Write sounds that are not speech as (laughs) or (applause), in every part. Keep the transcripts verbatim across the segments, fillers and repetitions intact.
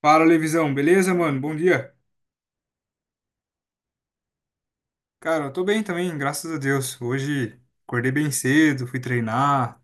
Fala, Levisão, beleza, mano? Bom dia. Cara, eu tô bem também, graças a Deus. Hoje acordei bem cedo, fui treinar.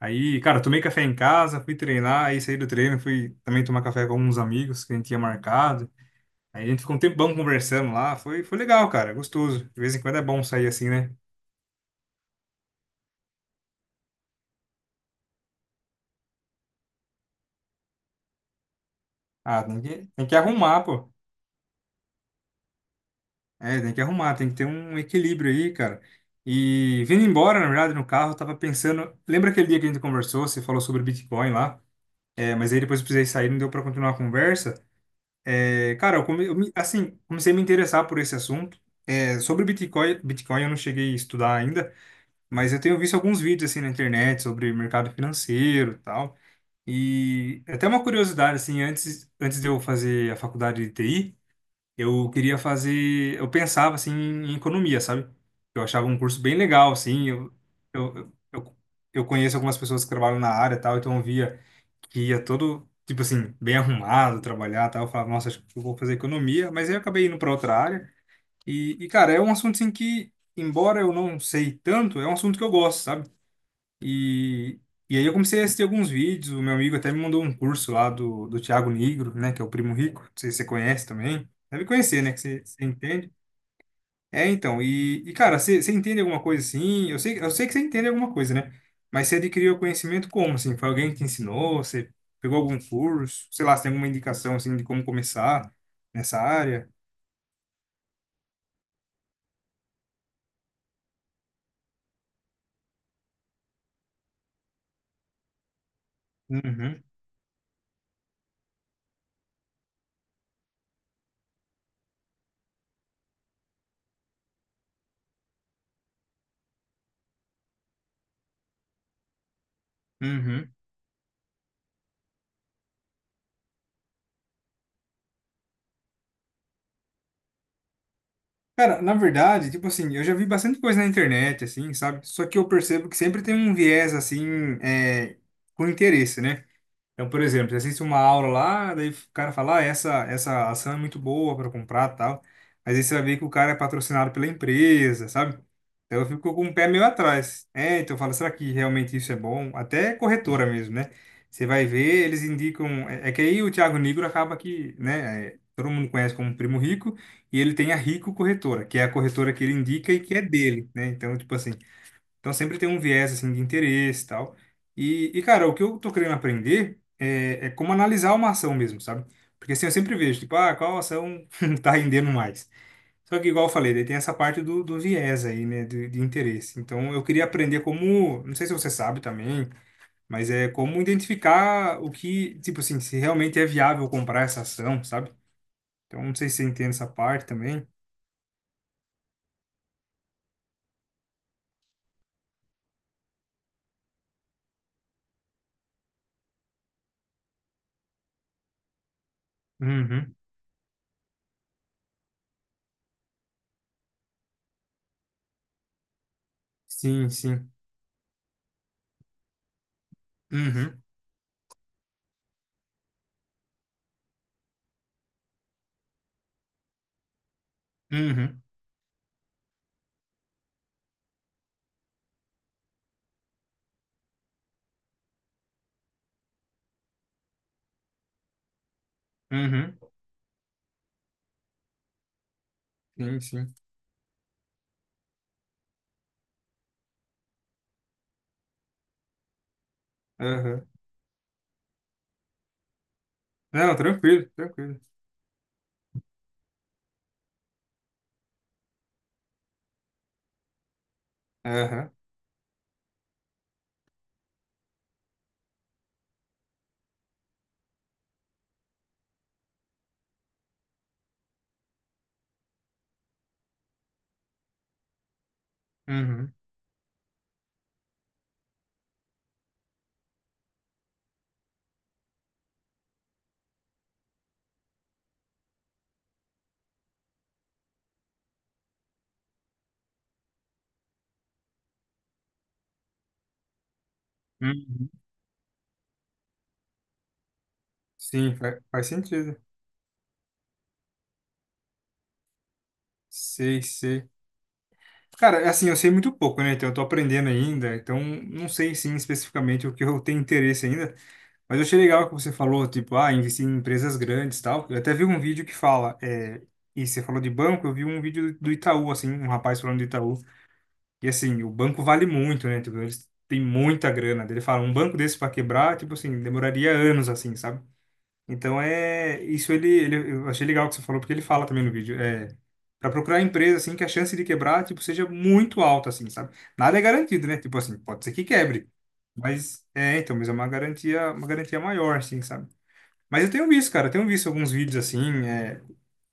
Aí, cara, tomei café em casa, fui treinar, aí saí do treino, fui também tomar café com alguns amigos que a gente tinha marcado. Aí a gente ficou um tempão conversando lá, foi, foi legal, cara, gostoso. De vez em quando é bom sair assim, né? Ah, tem que, tem que arrumar, pô. É, tem que arrumar, tem que ter um equilíbrio aí, cara. E vindo embora, na verdade, no carro, eu tava pensando. Lembra aquele dia que a gente conversou? Você falou sobre Bitcoin lá? É, mas aí depois eu precisei sair, não deu pra continuar a conversa. É, cara, eu, come, eu me- assim, comecei a me interessar por esse assunto. É, sobre Bitcoin, Bitcoin eu não cheguei a estudar ainda, mas eu tenho visto alguns vídeos assim na internet sobre mercado financeiro e tal. E até uma curiosidade, assim, antes, antes de eu fazer a faculdade de T I, eu queria fazer, eu pensava assim em economia, sabe? Eu achava um curso bem legal, assim, eu, eu, eu, eu conheço algumas pessoas que trabalham na área e tal, então eu via que ia todo, tipo assim, bem arrumado, trabalhar e tal. Eu falava, nossa, acho que eu vou fazer economia. Mas aí eu acabei indo para outra área. E, e, cara, é um assunto assim que, embora eu não sei tanto, é um assunto que eu gosto, sabe? E, e aí eu comecei a assistir alguns vídeos. O meu amigo até me mandou um curso lá do, do Thiago Nigro, né? Que é o Primo Rico. Não sei se você conhece também. Deve conhecer, né? Que você, você entende. É, então, e, e, cara, você você entende alguma coisa assim? Eu sei, eu sei que você entende alguma coisa, né? Mas você adquiriu conhecimento como, assim? Foi alguém que te ensinou? Você pegou algum curso? Sei lá, você tem alguma indicação, assim, de como começar nessa área? Uhum, uhum. Cara, na verdade, tipo assim, eu já vi bastante coisa na internet, assim, sabe? Só que eu percebo que sempre tem um viés, assim, é, com interesse, né? Então, por exemplo, você assiste uma aula lá, daí o cara fala, ah, essa, essa ação é muito boa para comprar e tal. Mas aí você vai ver que o cara é patrocinado pela empresa, sabe? Então eu fico com o pé meio atrás. É, então eu falo, será que realmente isso é bom? Até corretora mesmo, né? Você vai ver, eles indicam. É, é que aí o Thiago Nigro acaba que, né? É, todo mundo conhece como Primo Rico, e ele tem a Rico Corretora, que é a corretora que ele indica e que é dele, né? Então, tipo assim. Então sempre tem um viés assim de interesse e tal. E, e cara, o que eu tô querendo aprender é, é como analisar uma ação mesmo, sabe? Porque assim eu sempre vejo, tipo, ah, qual ação (laughs) tá rendendo mais? Só que igual eu falei, daí tem essa parte do, do viés aí, né, de, de interesse. Então eu queria aprender como, não sei se você sabe também, mas é como identificar o que, tipo assim, se realmente é viável comprar essa ação, sabe? Então não sei se você entende essa parte também. Uhum. Sim, sim. Uhum. Uhum. Uhum. Sim, sim. Aham. Não, tranquilo, tranquilo. Aham. Uhum. Uhum. Sim, faz, faz sentido. Sei, sei. Cara, é assim, eu sei muito pouco, né? Então eu tô aprendendo ainda, então não sei sim especificamente o que eu tenho interesse ainda, mas eu achei legal que você falou, tipo, ah, investir em empresas grandes e tal. Eu até vi um vídeo que fala, é, e você falou de banco, eu vi um vídeo do Itaú, assim, um rapaz falando do Itaú, e assim, o banco vale muito, né? Tipo, eles têm muita grana. Daí ele fala, um banco desse para quebrar, tipo assim, demoraria anos, assim, sabe? Então é isso ele, ele eu achei legal o que você falou porque ele fala também no vídeo é para procurar empresa assim que a chance de quebrar tipo seja muito alta assim sabe nada é garantido né tipo assim pode ser que quebre mas é então mas é uma garantia uma garantia maior assim sabe mas eu tenho visto cara eu tenho visto alguns vídeos assim é,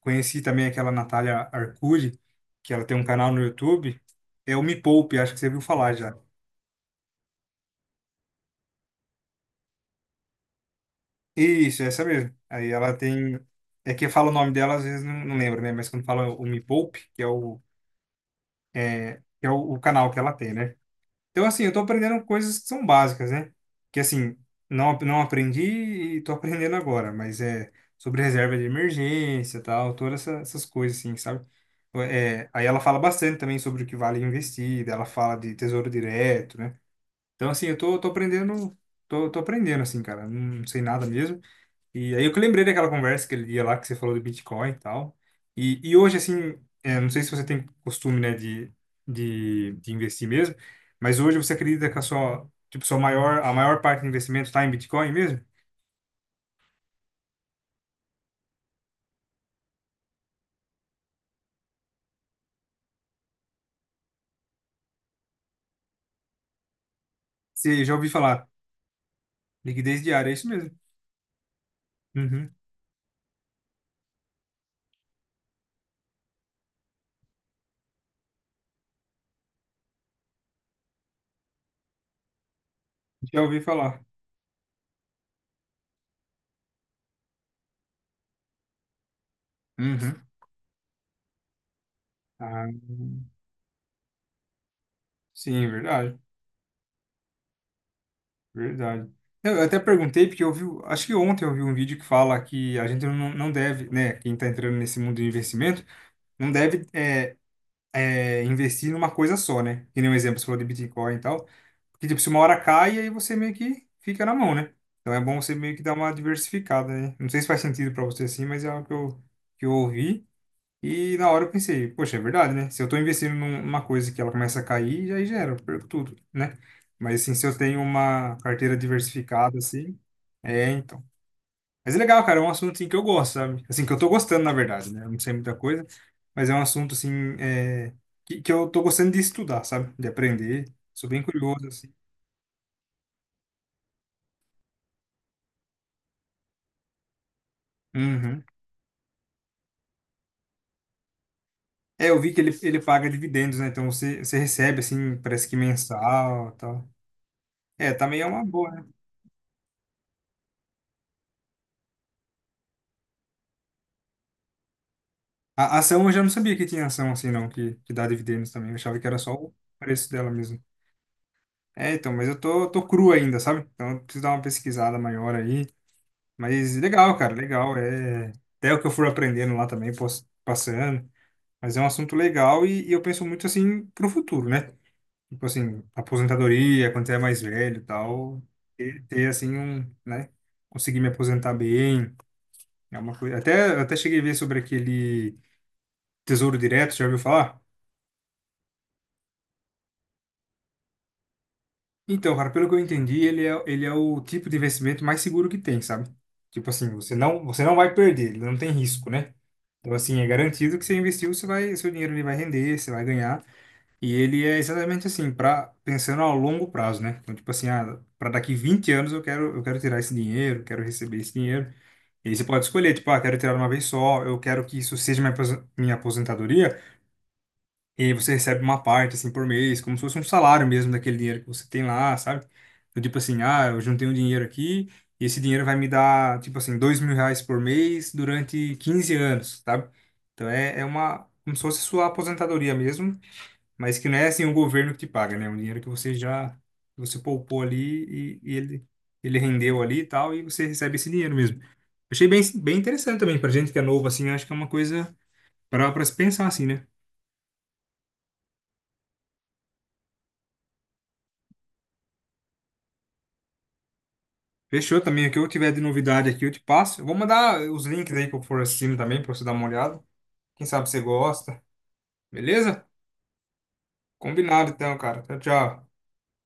conheci também aquela Natália Arcuri que ela tem um canal no YouTube é o Me Poupe acho que você viu falar já. Isso, é essa mesmo. Aí ela tem. É que eu falo o nome dela, às vezes não, não lembro, né? Mas quando fala o Me Poupe, que é o, é, que é o, o canal que ela tem, né? Então, assim, eu tô aprendendo coisas que são básicas, né? Que, assim, não, não aprendi e tô aprendendo agora, mas é sobre reserva de emergência e tal, todas essa- essas coisas, assim, sabe? É, aí ela fala bastante também sobre o que vale investir, daí ela fala de tesouro direto, né? Então, assim, eu tô, tô aprendendo, tô, tô aprendendo, assim, cara, não sei nada mesmo. E aí eu que lembrei daquela conversa que ele dia lá que você falou de Bitcoin e tal. E, e hoje, assim, é, não sei se você tem costume, né, de, de, de investir mesmo, mas hoje você acredita que a sua, tipo, sua maior, a maior parte do investimento está em Bitcoin mesmo? Você já ouviu falar? Liquidez diária, é isso mesmo. Uhum. Já ouvi falar. Uhum. Ah, sim, verdade, verdade. Eu até perguntei, porque eu vi, acho que ontem eu vi um vídeo que fala que a gente não, não deve, né, quem está entrando nesse mundo de investimento, não deve é, é, investir numa coisa só, né? Que nem um exemplo, você falou de Bitcoin e tal. Porque, tipo, se uma hora cai, aí você meio que fica na mão, né? Então é bom você meio que dar uma diversificada, né? Não sei se faz sentido pra você assim, mas é algo que eu, que eu ouvi. E na hora eu pensei, poxa, é verdade, né? Se eu tô investindo num- numa coisa que ela começa a cair, aí já era, eu perco tudo, né? Mas assim, se eu tenho uma carteira diversificada, assim, é, então. Mas é legal, cara, é um assunto assim, que eu gosto, sabe? Assim, que eu tô gostando, na verdade, né? Eu não sei muita coisa, mas é um assunto assim é, que, que eu tô gostando de estudar, sabe? De aprender. Sou bem curioso, assim. Uhum. É, eu vi que ele, ele paga dividendos, né? Então você, você recebe, assim, parece que mensal e tal. É, também é uma boa, né? A a ação eu já não sabia que tinha ação assim, não, que, que dá dividendos também. Eu achava que era só o preço dela mesmo. É, então, mas eu tô, tô cru ainda, sabe? Então eu preciso dar uma pesquisada maior aí. Mas legal, cara, legal. É até o que eu fui aprendendo lá também, pos- passando. Mas é um assunto legal e, e eu penso muito assim pro futuro, né? Tipo assim, aposentadoria, quando você é mais velho e tal, ter, ter assim um, né? Conseguir me aposentar bem, é uma coisa. Até, até cheguei a ver sobre aquele Tesouro Direto, já ouviu falar? Então, cara, pelo que eu entendi, ele é, ele é o tipo de investimento mais seguro que tem, sabe? Tipo assim, você não, você não vai perder, ele não tem risco, né? Então, assim, é garantido que você investiu, você vai, seu dinheiro ele vai render, você vai ganhar. E ele é exatamente assim, para pensando a longo prazo, né? Então, tipo assim, ah, para daqui vinte anos eu quero, eu quero tirar esse dinheiro, quero receber esse dinheiro. E aí você pode escolher, tipo, ah, quero tirar uma vez só, eu quero que isso seja minha apos- minha aposentadoria, e aí você recebe uma parte, assim, por mês, como se fosse um salário mesmo daquele dinheiro que você tem lá, sabe? Então, tipo assim, ah, eu juntei um dinheiro aqui, e esse dinheiro vai me dar, tipo assim, dois mil reais por mês durante quinze anos, sabe? Então é, é uma, como se fosse sua aposentadoria mesmo, mas que não é assim o governo que te paga, né? É um dinheiro que você já, que você poupou ali e, e ele, ele rendeu ali e tal, e você recebe esse dinheiro mesmo. Achei bem, bem interessante também, pra gente que é novo, assim, acho que é uma coisa para para se pensar, assim, né? Fechou também. O que eu tiver de novidade aqui, eu te passo. Eu vou mandar os links aí que eu for assistindo também, pra você dar uma olhada. Quem sabe você gosta. Beleza? Combinado então, cara. Tchau, tchau.